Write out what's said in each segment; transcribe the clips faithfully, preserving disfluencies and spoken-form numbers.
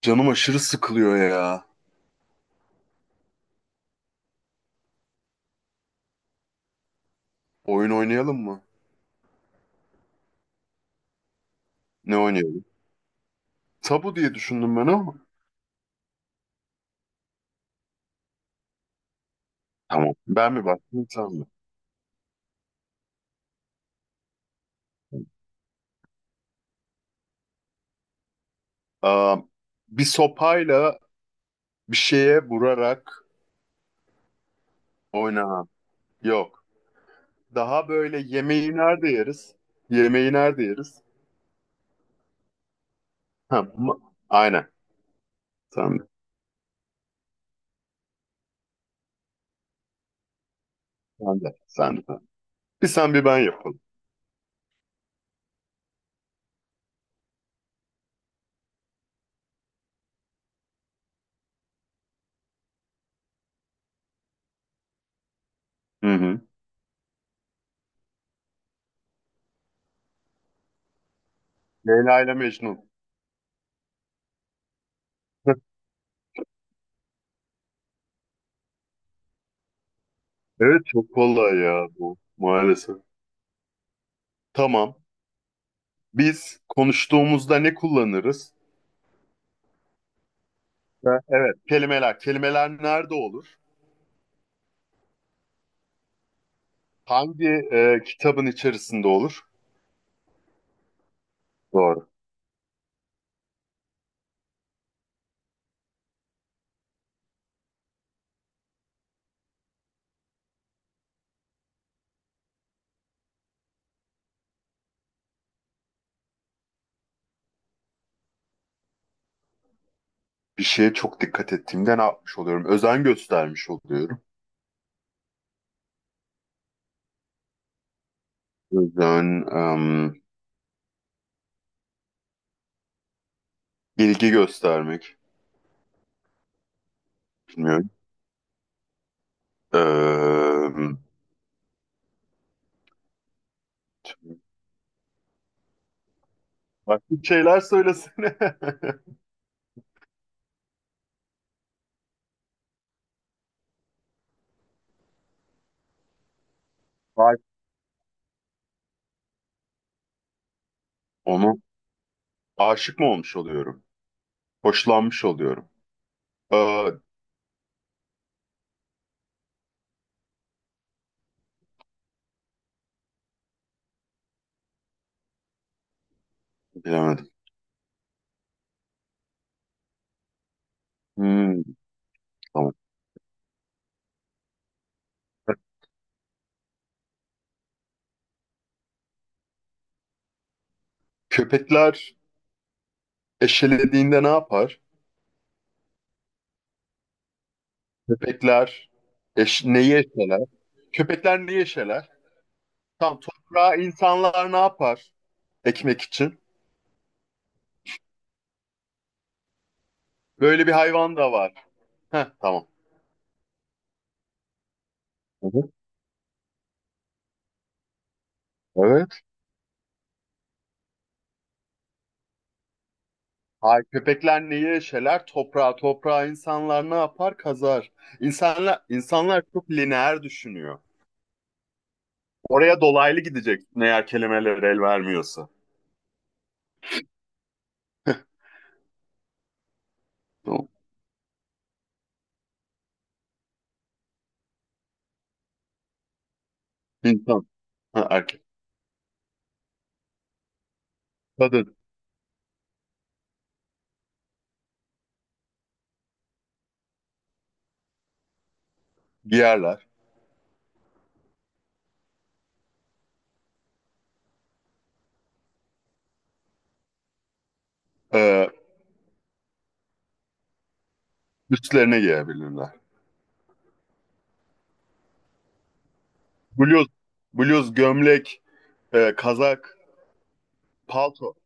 Canım aşırı sıkılıyor ya. Oyun oynayalım mı? Ne oynayalım? Tabu diye düşündüm ben ama. Tamam. Ben mi baktım sen mi? Aa, Bir sopayla bir şeye vurarak oynanan. Yok. Daha böyle yemeği nerede yeriz? Yemeği nerede yeriz? Ha, ma- aynen. Sen de. Sen de. Sen de. Sen de. Bir sen bir ben yapalım. Hı hı. Leyla ile Mecnun. Evet, çok kolay ya bu maalesef. Tamam. Biz konuştuğumuzda ne kullanırız? Ve Evet, kelimeler. Kelimeler nerede olur? Hangi e, kitabın içerisinde olur? Doğru. Bir şeye çok dikkat ettiğimde ne yapmış oluyorum? Özen göstermiş oluyorum. Özen, em, ilgi göstermek. Bilmiyorum. Em, başka bir şeyler söylesene. Vay. Onu aşık mı olmuş oluyorum? Hoşlanmış oluyorum. Aa, bilemedim. Hmm, tamam. Köpekler eşelediğinde ne yapar? Köpekler eş, neyi eşeler? Köpekler ne yaşarlar? Tamam, toprağa insanlar ne yapar ekmek için? Böyle bir hayvan da var. Heh, tamam. Hı hı. Evet. Hayır, köpekler neyi yaşarlar? Toprağa, toprağa insanlar ne yapar? Kazar. İnsanlar, insanlar çok lineer düşünüyor. Oraya dolaylı gidecek eğer kelimeler el vermiyorsa. Tamam. İnsan, ha, erkek, kadın giyerler. Ee, üstlerine giyebilirler. Bluz, bluz, gömlek, e, kazak, palto,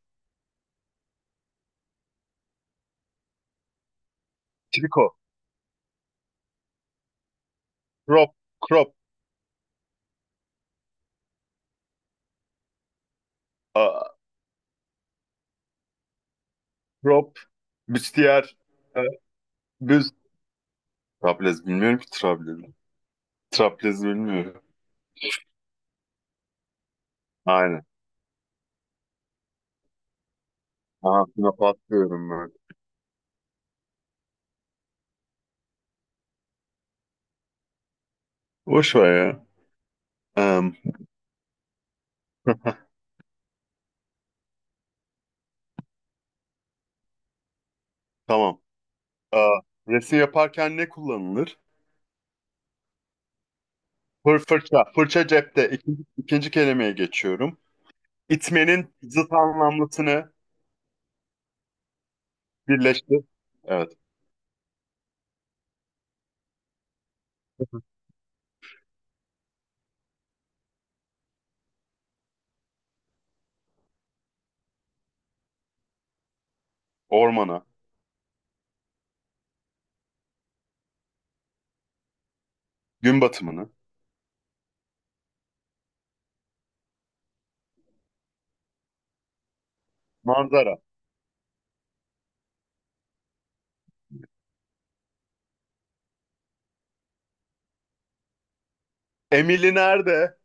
triko, crop, crop. Aa, prop, büstiyer, e, büz. Traplez bilmiyorum ki traplez. Traplez bilmiyorum. Aynen. Aha, buna patlıyorum böyle. Boş ver ya. Em, tamam. Aa, resim yaparken ne kullanılır? Fır fırça. Fırça cepte. İkinci, ikinci kelimeye geçiyorum. İtmenin zıt anlamlısını birleştir. Evet. Ormana. Gün batımını. Manzara. Emily nerede?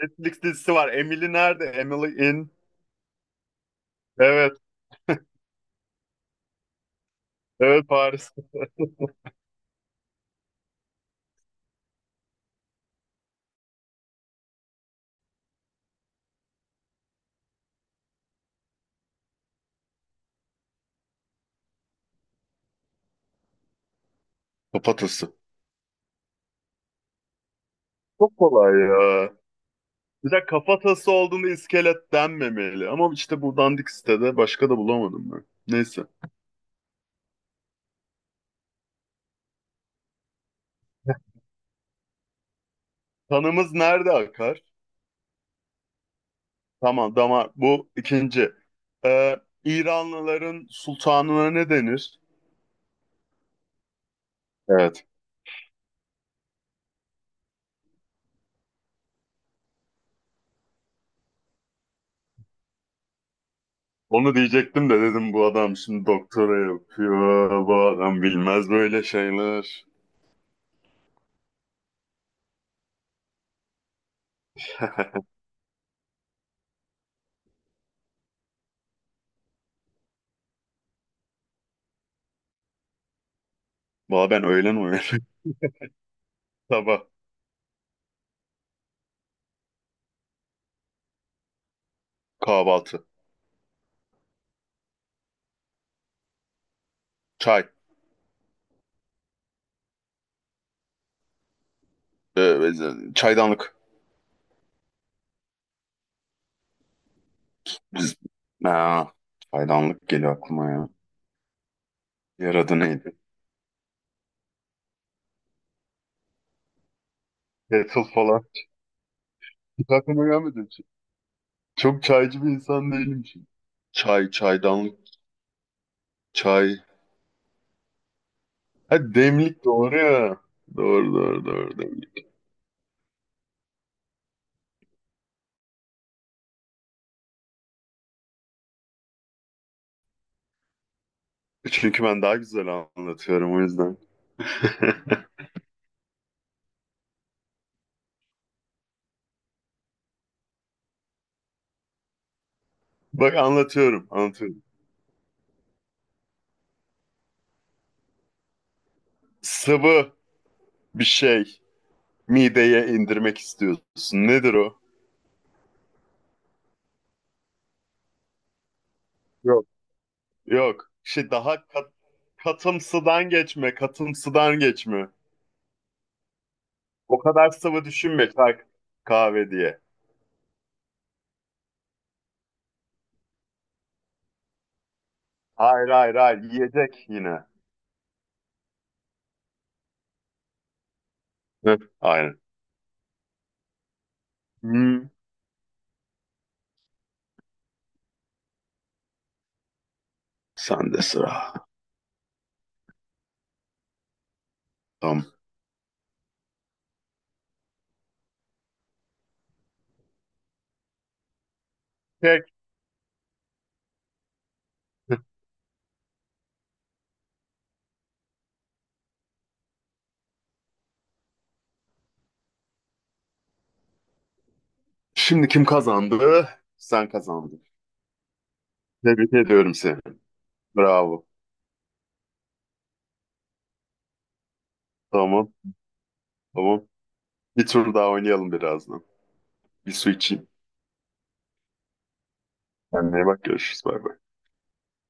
Netflix dizisi var. Emily nerede? Emily in. Evet. Evet, Paris. Kafatası. Çok kolay ya. Bir de kafatası olduğunda iskelet denmemeli. Ama işte bu dandik sitede başka da bulamadım ben. Neyse. Kanımız nerede akar? Tamam, damar. Bu ikinci. Ee, İranlıların sultanına ne denir? Evet. Onu diyecektim de dedim bu adam şimdi doktora yapıyor. Bu adam bilmez böyle şeyler. Valla ben öğlen uyuyorum. Sabah kahvaltı. Çay. Ee, çaydanlık. Biz... Aa, çaydanlık geliyor aklıma ya. Yer adı neydi? Kettle falan. Hiç aklıma gelmedi, hiç. Çok çaycı bir insan değilim şimdi. Çay, çaydanlık, çay. Ha, demlik doğru ya. Doğru, doğru, doğru, demlik. Çünkü ben daha güzel anlatıyorum o yüzden. Bak anlatıyorum, anlatıyorum. Sıvı bir şey mideye indirmek istiyorsun. Nedir o? Yok. Yok. Şey daha kat, katımsıdan geçme, katımsıdan geçme. O kadar sıvı düşünme, çay kahve diye. Hayır, hayır, hayır, yiyecek yine. Hı, aynen. Hmm, sen de sıra. Tamam. Peki. Şimdi kim kazandı? Sen kazandın. Tebrik ediyorum seni. Bravo. Tamam, tamam. Bir tur daha oynayalım birazdan. Bir su içeyim. Kendine iyi bak, görüşürüz. Bay bay.